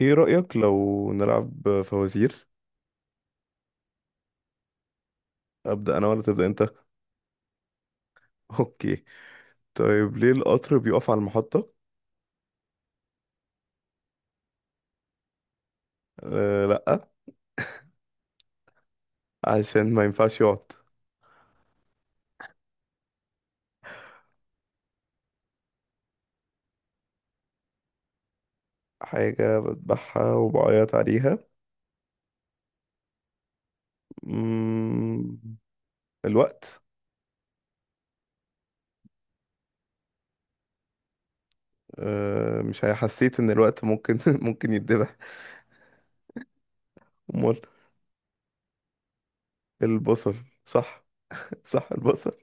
ايه رأيك لو نلعب فوازير؟ أبدأ أنا ولا تبدأ أنت؟ أوكي. طيب، ليه القطر بيقف على المحطة؟ أه، لأ. عشان ما ينفعش يقعد. حاجة بذبحها وبعيط عليها. مم... الوقت. أه، مش حسيت إن الوقت ممكن ممكن يتذبح. أمال؟ البصل. صح. صح، البصل.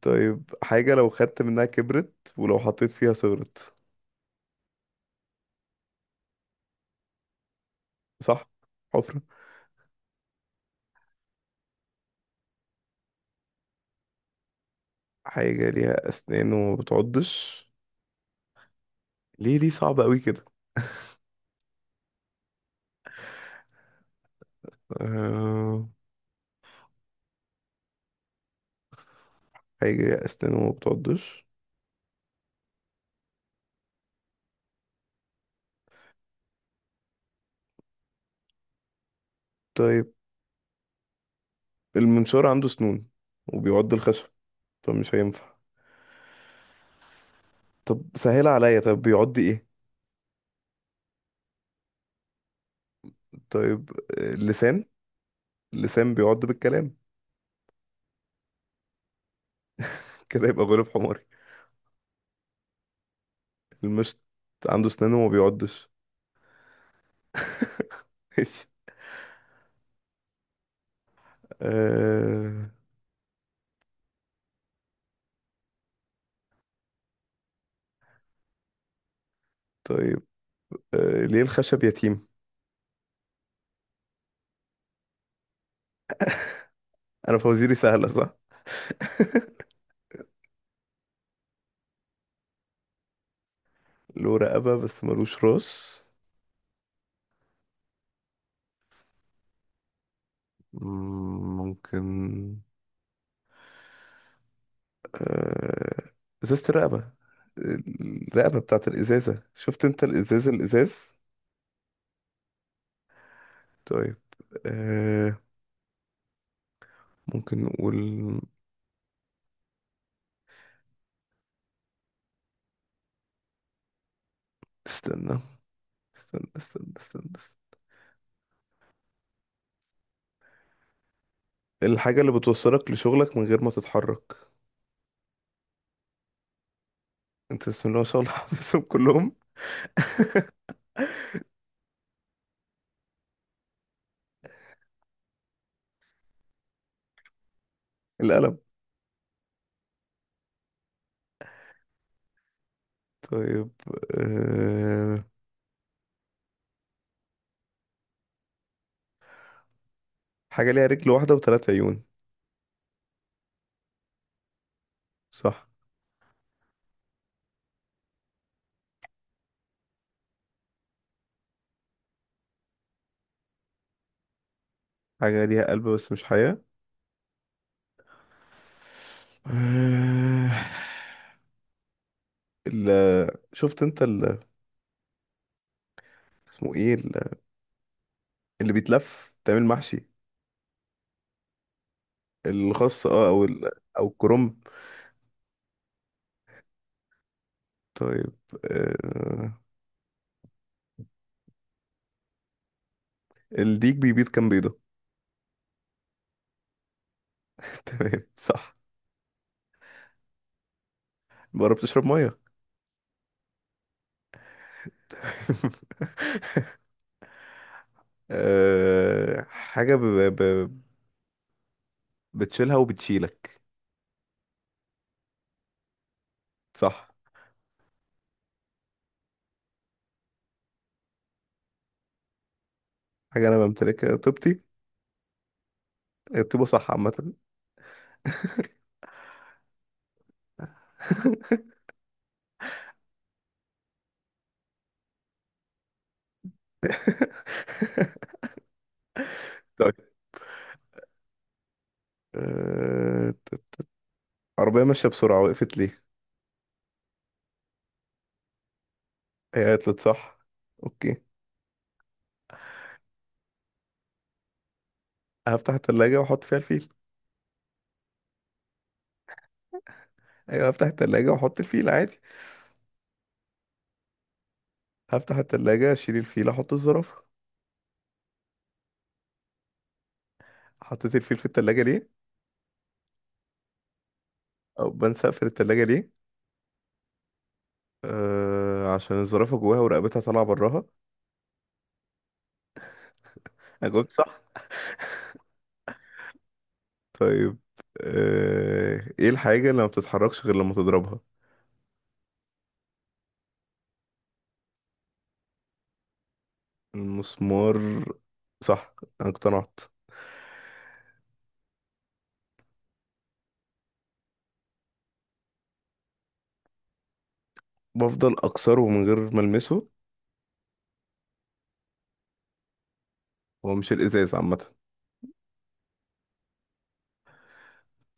طيب، حاجة لو خدت منها كبرت ولو حطيت فيها صغرت. صح. حفرة. حاجة ليها أسنان وما بتعضش. ليه؟ ليه صعب قوي كده؟ آه... حاجة أسنانه ما بتعضش. طيب، المنشار عنده سنون وبيعض الخشب، فمش هينفع. طب سهل عليا. طب بيعض ايه؟ طيب. لسان. لسان بيعض بالكلام. كده يبقى غريب حماري. المشط عنده سنانه وما بيعضش. ماشي. آه... طيب. ليه الخشب يتيم؟ انا فوازيري سهلة، صح؟ له رقبة بس ملوش راس. ممكن. آه، ازازة الرقبة. الرقبة بتاعت الازازة، شفت انت الازازة، الازاز. طيب. آه، ممكن نقول. استنى، استنى، استنى، استنى، استنى. الحاجة اللي بتوصلك لشغلك من غير ما تتحرك. انت بسم الله ما شاء الله حافظهم كلهم. القلم. طيب. أه... حاجة ليها رجل واحدة وثلاث عيون. صح. حاجة ليها قلب بس مش حياة. أه... ال... شفت انت اسمه ايه؟ اللي بيتلف تعمل محشي. الخاص، اه، او او الكرنب. طيب. آه... الديك بيبيض كام بيضة؟ تمام، صح. بره بتشرب مية. حاجة ب... بتشيلها وبتشيلك. صح. حاجة أنا بمتلكها، طيبتي. الطيبة، صح، عامة. طيب. آه... عربية ماشية بسرعة وقفت ليه؟ هي قالت صح. اوكي. هفتح التلاجة واحط فيها الفيل. ايوه، هفتح التلاجة واحط الفيل عادي. هفتح التلاجة، اشيل الفيل، احط الزرافة. حطيت الفيل في التلاجة ليه؟ او بنسى اقفل التلاجة ليه؟ آه، عشان الزرافة جواها ورقبتها طالعة براها. انا جاوبت صح. طيب. ايه الحاجة اللي ما بتتحركش غير لما تضربها؟ المسمار. صح. انا اقتنعت. بفضل اكسره من غير ما المسه. هو مش الازاز عامة؟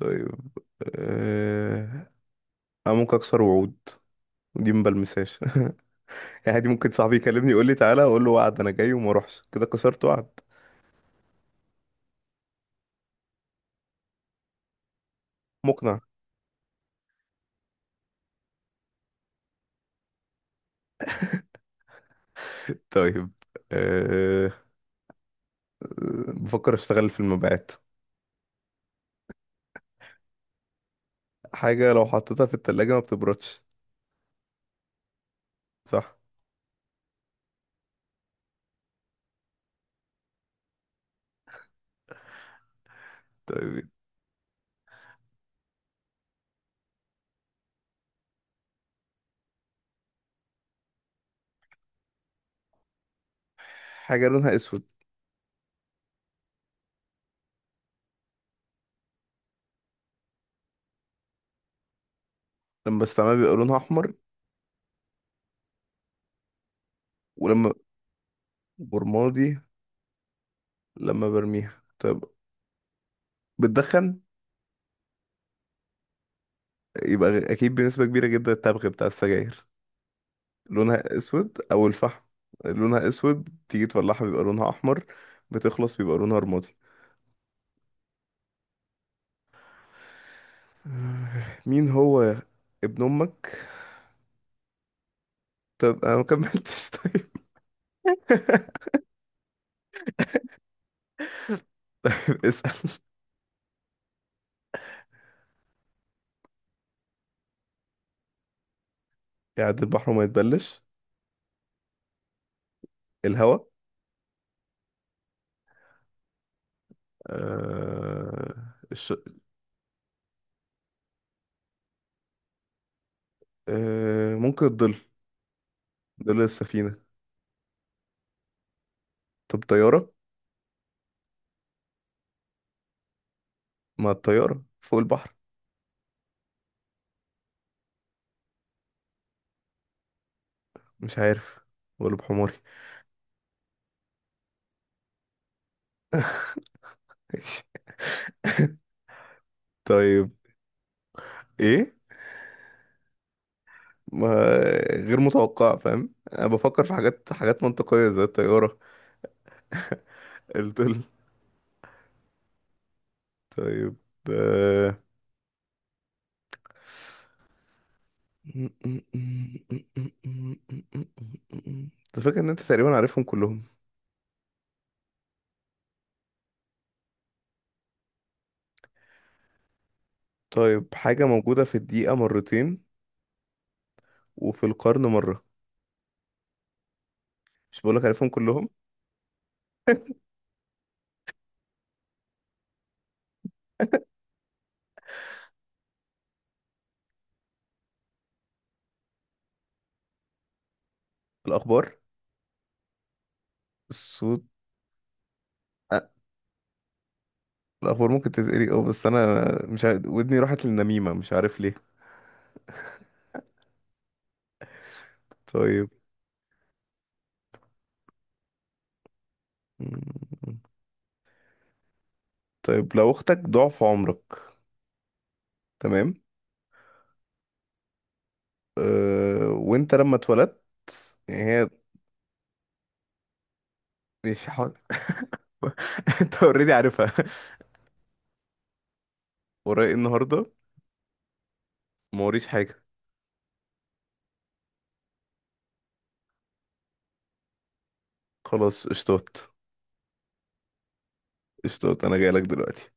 طيب. آه انا ممكن اكسر وعود. دي ما بلمسهاش. يعني دي ممكن صاحبي يكلمني يقول لي تعالى، اقول له وعد انا جاي وما اروحش، كده كسرت وعد. مقنع. طيب. أه... بفكر اشتغل في المبيعات. حاجة لو حطيتها في التلاجة ما بتبردش. صح. طيب، حاجة لونها اسود، لما بستعملها بيبقى لونها احمر، ولما برمادي لما برميها. طيب، بتدخن. يبقى اكيد بنسبة كبيرة جدا التبغ بتاع السجاير. لونها اسود او الفحم. لونها اسود، تيجي تولعها بيبقى لونها احمر، بتخلص بيبقى لونها رمادي. مين هو ابن امك؟ طب انا ما كملتش. طيب. اسأل. قاعد البحر وما يتبلش. الهواء. آه... الش... ممكن الظل. ظل السفينة. طب طيارة. ما الطيارة فوق البحر. مش عارف. ولا بحماري. طيب. ايه؟ ما غير متوقع. فاهم، انا بفكر في حاجات، حاجات منطقية زي الطيارة. الظل. طيب. آه، انت فاكر ان انت تقريبا عارفهم كلهم؟ طيب، حاجة موجودة في الدقيقة مرتين وفي القرن مرة. مش بقولك عارفهم كلهم. الأخبار. الصوت. أه. الأخبار ممكن تتقري، اه، بس أنا مش عارف ودني راحت للنميمة، مش عارف ليه. طيب. مم. طيب لو أختك ضعف عمرك. تمام. وأنت لما اتولدت، يعني هي مش ح... أنت أوريدي عارفها. ورايا إيه النهاردة؟ ما وريش حاجة. خلاص، قشطات. قشطات، أنا جايلك دلوقتي.